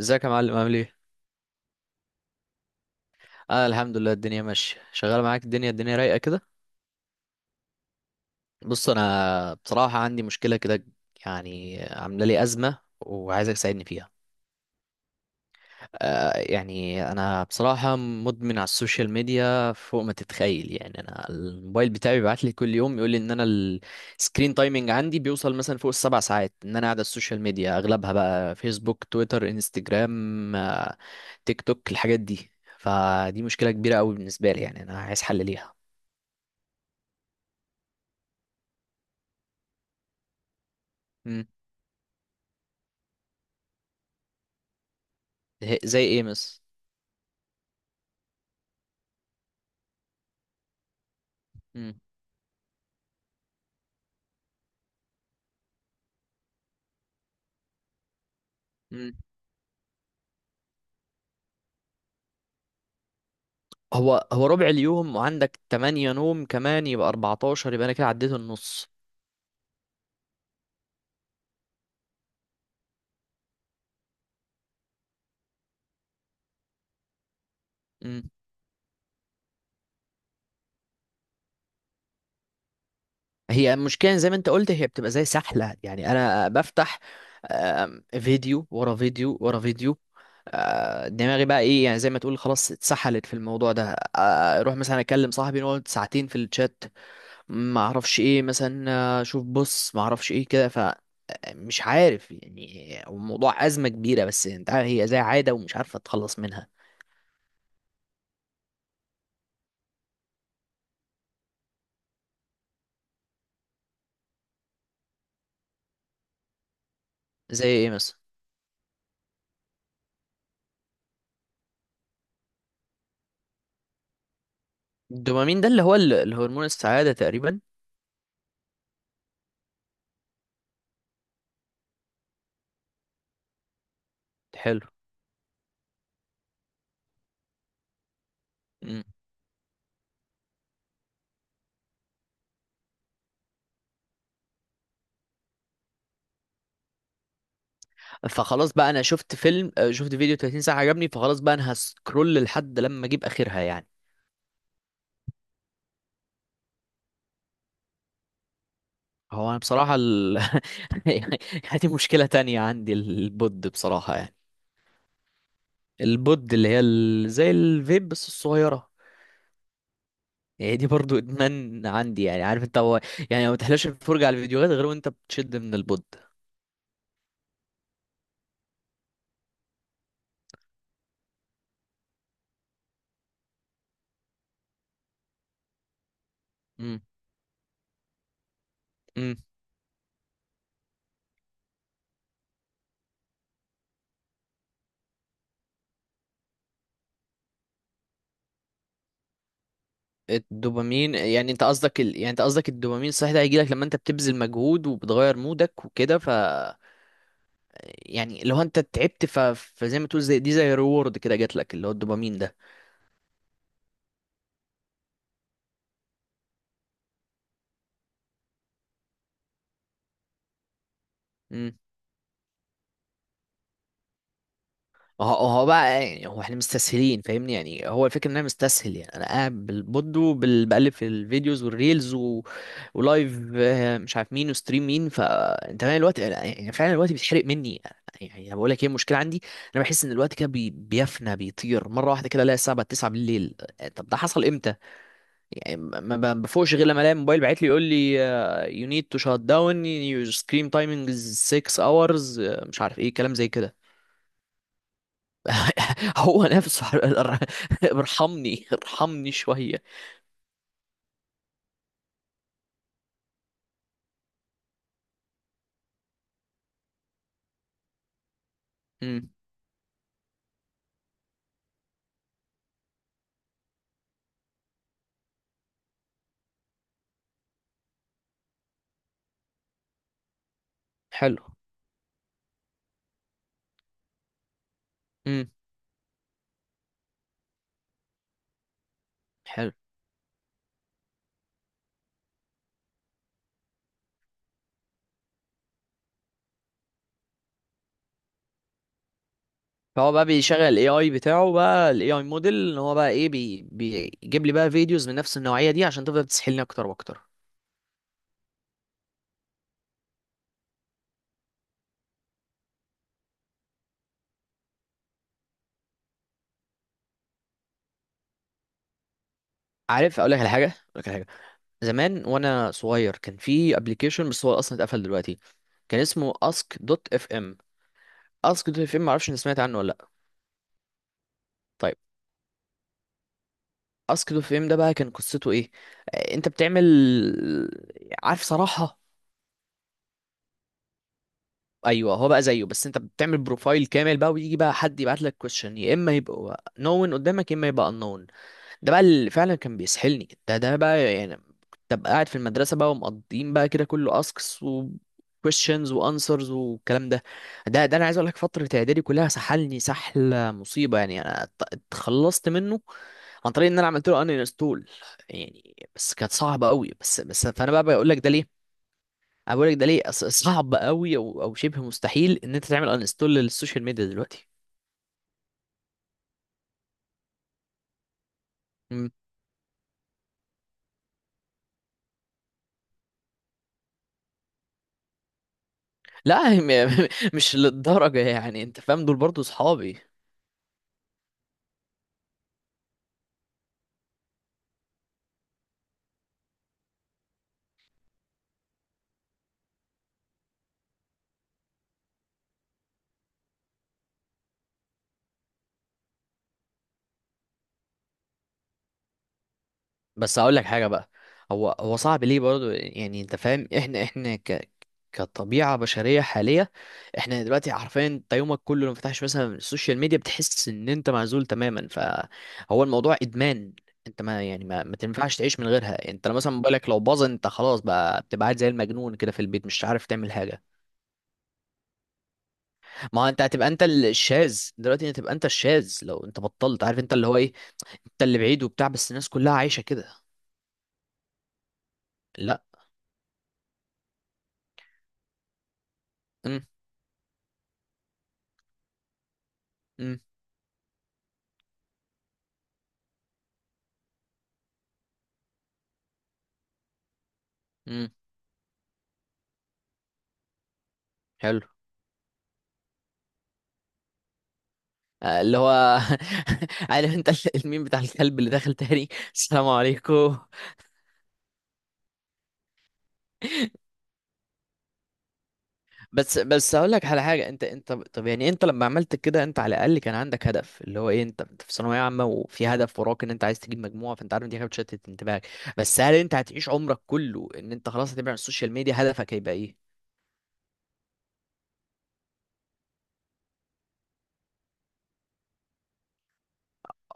ازيك يا معلم، عامل ايه؟ انا الحمد لله الدنيا ماشيه، شغال معاك. الدنيا رايقه كده. بص، انا بصراحه عندي مشكله كده، يعني عامله لي ازمه وعايزك تساعدني فيها. آه يعني انا بصراحه مدمن على السوشيال ميديا فوق ما تتخيل. يعني انا الموبايل بتاعي بيبعت لي كل يوم يقول لي ان انا السكرين تايمنج عندي بيوصل مثلا فوق السبع ساعات، ان انا قاعد على السوشيال ميديا، اغلبها بقى فيسبوك، تويتر، انستجرام، تيك توك، الحاجات دي. فدي مشكله كبيره قوي بالنسبه لي، يعني انا عايز حل ليها. مم. زي ايه مس؟ مم. مم. هو ربع اليوم، وعندك 8 نوم كمان يبقى 14، يبقى انا كده عديت النص. مم. هي المشكله زي ما انت قلت، هي بتبقى زي سحله. يعني انا بفتح فيديو ورا فيديو ورا فيديو. دماغي بقى ايه، يعني زي ما تقول خلاص اتسحلت في الموضوع ده. اروح مثلا اكلم صاحبي، نقعد ساعتين في الشات، ما اعرفش ايه مثلا، اشوف بص ما اعرفش ايه كده. مش عارف، يعني هو الموضوع أزمة كبيرة، بس انت عارف هي زي عادة ومش عارفة تتخلص منها. زي ايه مثلا؟ الدوبامين ده اللي هو الهرمون السعادة تقريبا. حلو. مم. فخلاص بقى انا شفت فيلم، شفت فيديو 30 ساعة عجبني، فخلاص بقى انا هسكرول لحد لما اجيب اخرها يعني. هو انا بصراحة يعني، دي مشكلة تانية عندي، البود بصراحة يعني. البود اللي هي زي الفيب بس الصغيرة. هي دي برضو ادمان عندي، يعني عارف انت هو، يعني ما تحلاش الفرجة على الفيديوهات غير وانت بتشد من البود. امم. امم. الدوبامين، يعني انت قصدك يعني انت قصدك الدوبامين صحيح ده هيجي لك لما انت بتبذل مجهود وبتغير مودك وكده، يعني لو انت تعبت فزي ما تقول زي دي، زي ريورد كده جات لك اللي هو الدوبامين. ده ما هو هو بقى، يعني هو احنا مستسهلين فاهمني، يعني هو الفكره ان انا مستسهل، يعني انا قاعد بالبود وبقلب في الفيديوز والريلز ولايف، مش عارف مين وستريم مين، فانت فاهم الوقت يعني، يعني فعلا الوقت بيتحرق مني يعني. يعني انا بقول لك ايه المشكله عندي. انا بحس ان الوقت كده بيفنى، بيطير مره واحده، كده الاقي الساعه بقت 9 بالليل. طب ده حصل امتى؟ يعني ما بفوقش غير لما الاقي الموبايل باعت لي يقول لي يو نيد تو شات داون يور سكرين تايمينج از 6 اورز، مش عارف ايه كلام زي كده. هو نفسه. ارحمني ارحمني شوية. امم. حلو. امم. حلو. فهو بقى بيشغل الاي اي بتاعه، بقى الاي اي موديل ان هو بقى ايه بي بيجيب لي بقى فيديوز من نفس النوعية دي عشان تفضل تسحلني اكتر واكتر. عارف اقول لك على حاجة، اقول لك على حاجة. زمان وانا صغير كان في ابلكيشن، بس هو اصلا اتقفل دلوقتي. كان اسمه اسك دوت اف ام. اسك دوت اف ام معرفش ان سمعت عنه ولا لا؟ طيب. اسك دوت اف ام ده بقى كان قصته ايه؟ انت بتعمل، عارف صراحة. ايوه هو بقى زيه، بس انت بتعمل بروفايل كامل بقى، ويجي بقى حد يبعت لك كويشن يا اما يبقى نون قدامك يا اما يبقى unknown. ده بقى اللي فعلا كان بيسحلني. ده بقى يعني، كنت ابقى قاعد في المدرسه بقى، ومقضيين بقى كده كله اسكس و questions وانسرز والكلام ده. ده انا عايز اقول لك، فتره اعدادي كلها سحلني سحله مصيبه، يعني انا اتخلصت منه عن طريق ان انا عملت له ان انستول، يعني. بس كانت صعبه قوي، بس فانا بقى بقول لك ده ليه. انا بقول لك ده ليه صعب قوي، او شبه مستحيل ان انت تعمل انستول للسوشيال ميديا دلوقتي. مم. لا هي م- مش للدرجه يعني انت فاهم، دول برضو صحابي. بس هقول لك حاجه بقى. هو صعب ليه برضو، يعني انت فاهم احنا كطبيعه بشريه حاليه. احنا دلوقتي عارفين انت يومك كله لو فتحش مثلا السوشيال ميديا بتحس ان انت معزول تماما، فهو الموضوع ادمان. انت ما يعني ما تنفعش تعيش من غيرها. انت لو مثلا موبايلك لو باظ انت خلاص بقى بتبقى قاعد زي المجنون كده في البيت مش عارف تعمل حاجه. ما هو انت هتبقى انت الشاذ دلوقتي، هتبقى انت الشاذ لو انت بطلت، عارف انت اللي هو ايه، انت اللي بعيد وبتاع، بس الناس كلها عايشة كده. لا. امم. امم. امم. حلو. اللي هو عارف انت الميم بتاع الكلب اللي داخل تاني. السلام عليكم. بس هقول لك على حاجه. انت طب يعني انت لما عملت كده انت على الاقل كان عندك هدف اللي هو ايه، انت في ثانويه عامه وفي هدف وراك ان انت عايز تجيب مجموعه، فانت عارف إن دي حاجه بتشتت انتباهك. بس هل انت هتعيش عمرك كله ان انت خلاص هتبعد عن السوشيال ميديا؟ هدفك هيبقى ايه؟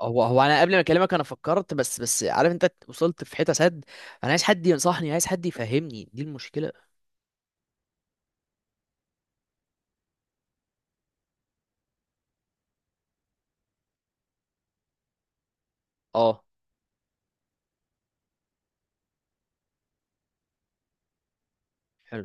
هو انا قبل ما اكلمك انا فكرت، بس عارف انت وصلت في حته سد. انا عايز حد ينصحني، عايز حد يفهمني، دي المشكله. اه. حلو.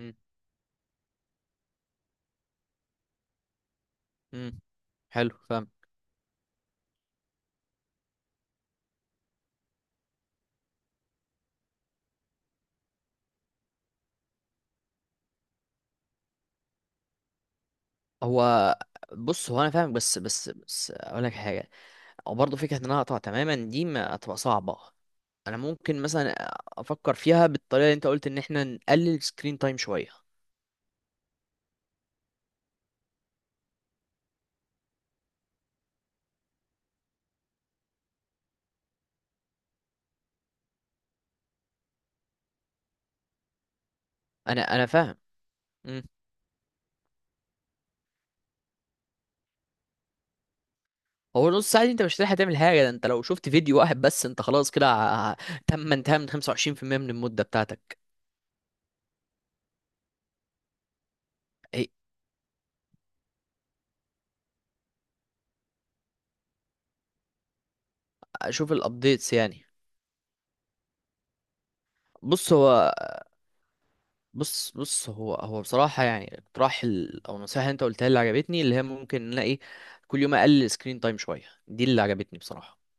امم. امم. حلو. فاهم. هو بص، هو انا فاهمك، بس اقول لك حاجه. او برضه فكره ان انا اقطع تماما دي ما هتبقى صعبه. انا ممكن مثلا افكر فيها بالطريقه اللي انت قلت ان احنا نقلل سكرين تايم شويه. انا فاهم. امم. هو نص ساعه دي انت مش هتلحق تعمل حاجه، ده انت لو شفت فيديو واحد بس انت خلاص كده تم انتهى من 25% من المده بتاعتك. هي- اشوف الابديتس يعني. بص هو، بص هو بصراحه يعني اقتراح او النصيحه اللي انت قلتها اللي عجبتني اللي هي ممكن نلاقي كل يوم اقلل سكرين تايم شويه، دي اللي عجبتني بصراحه.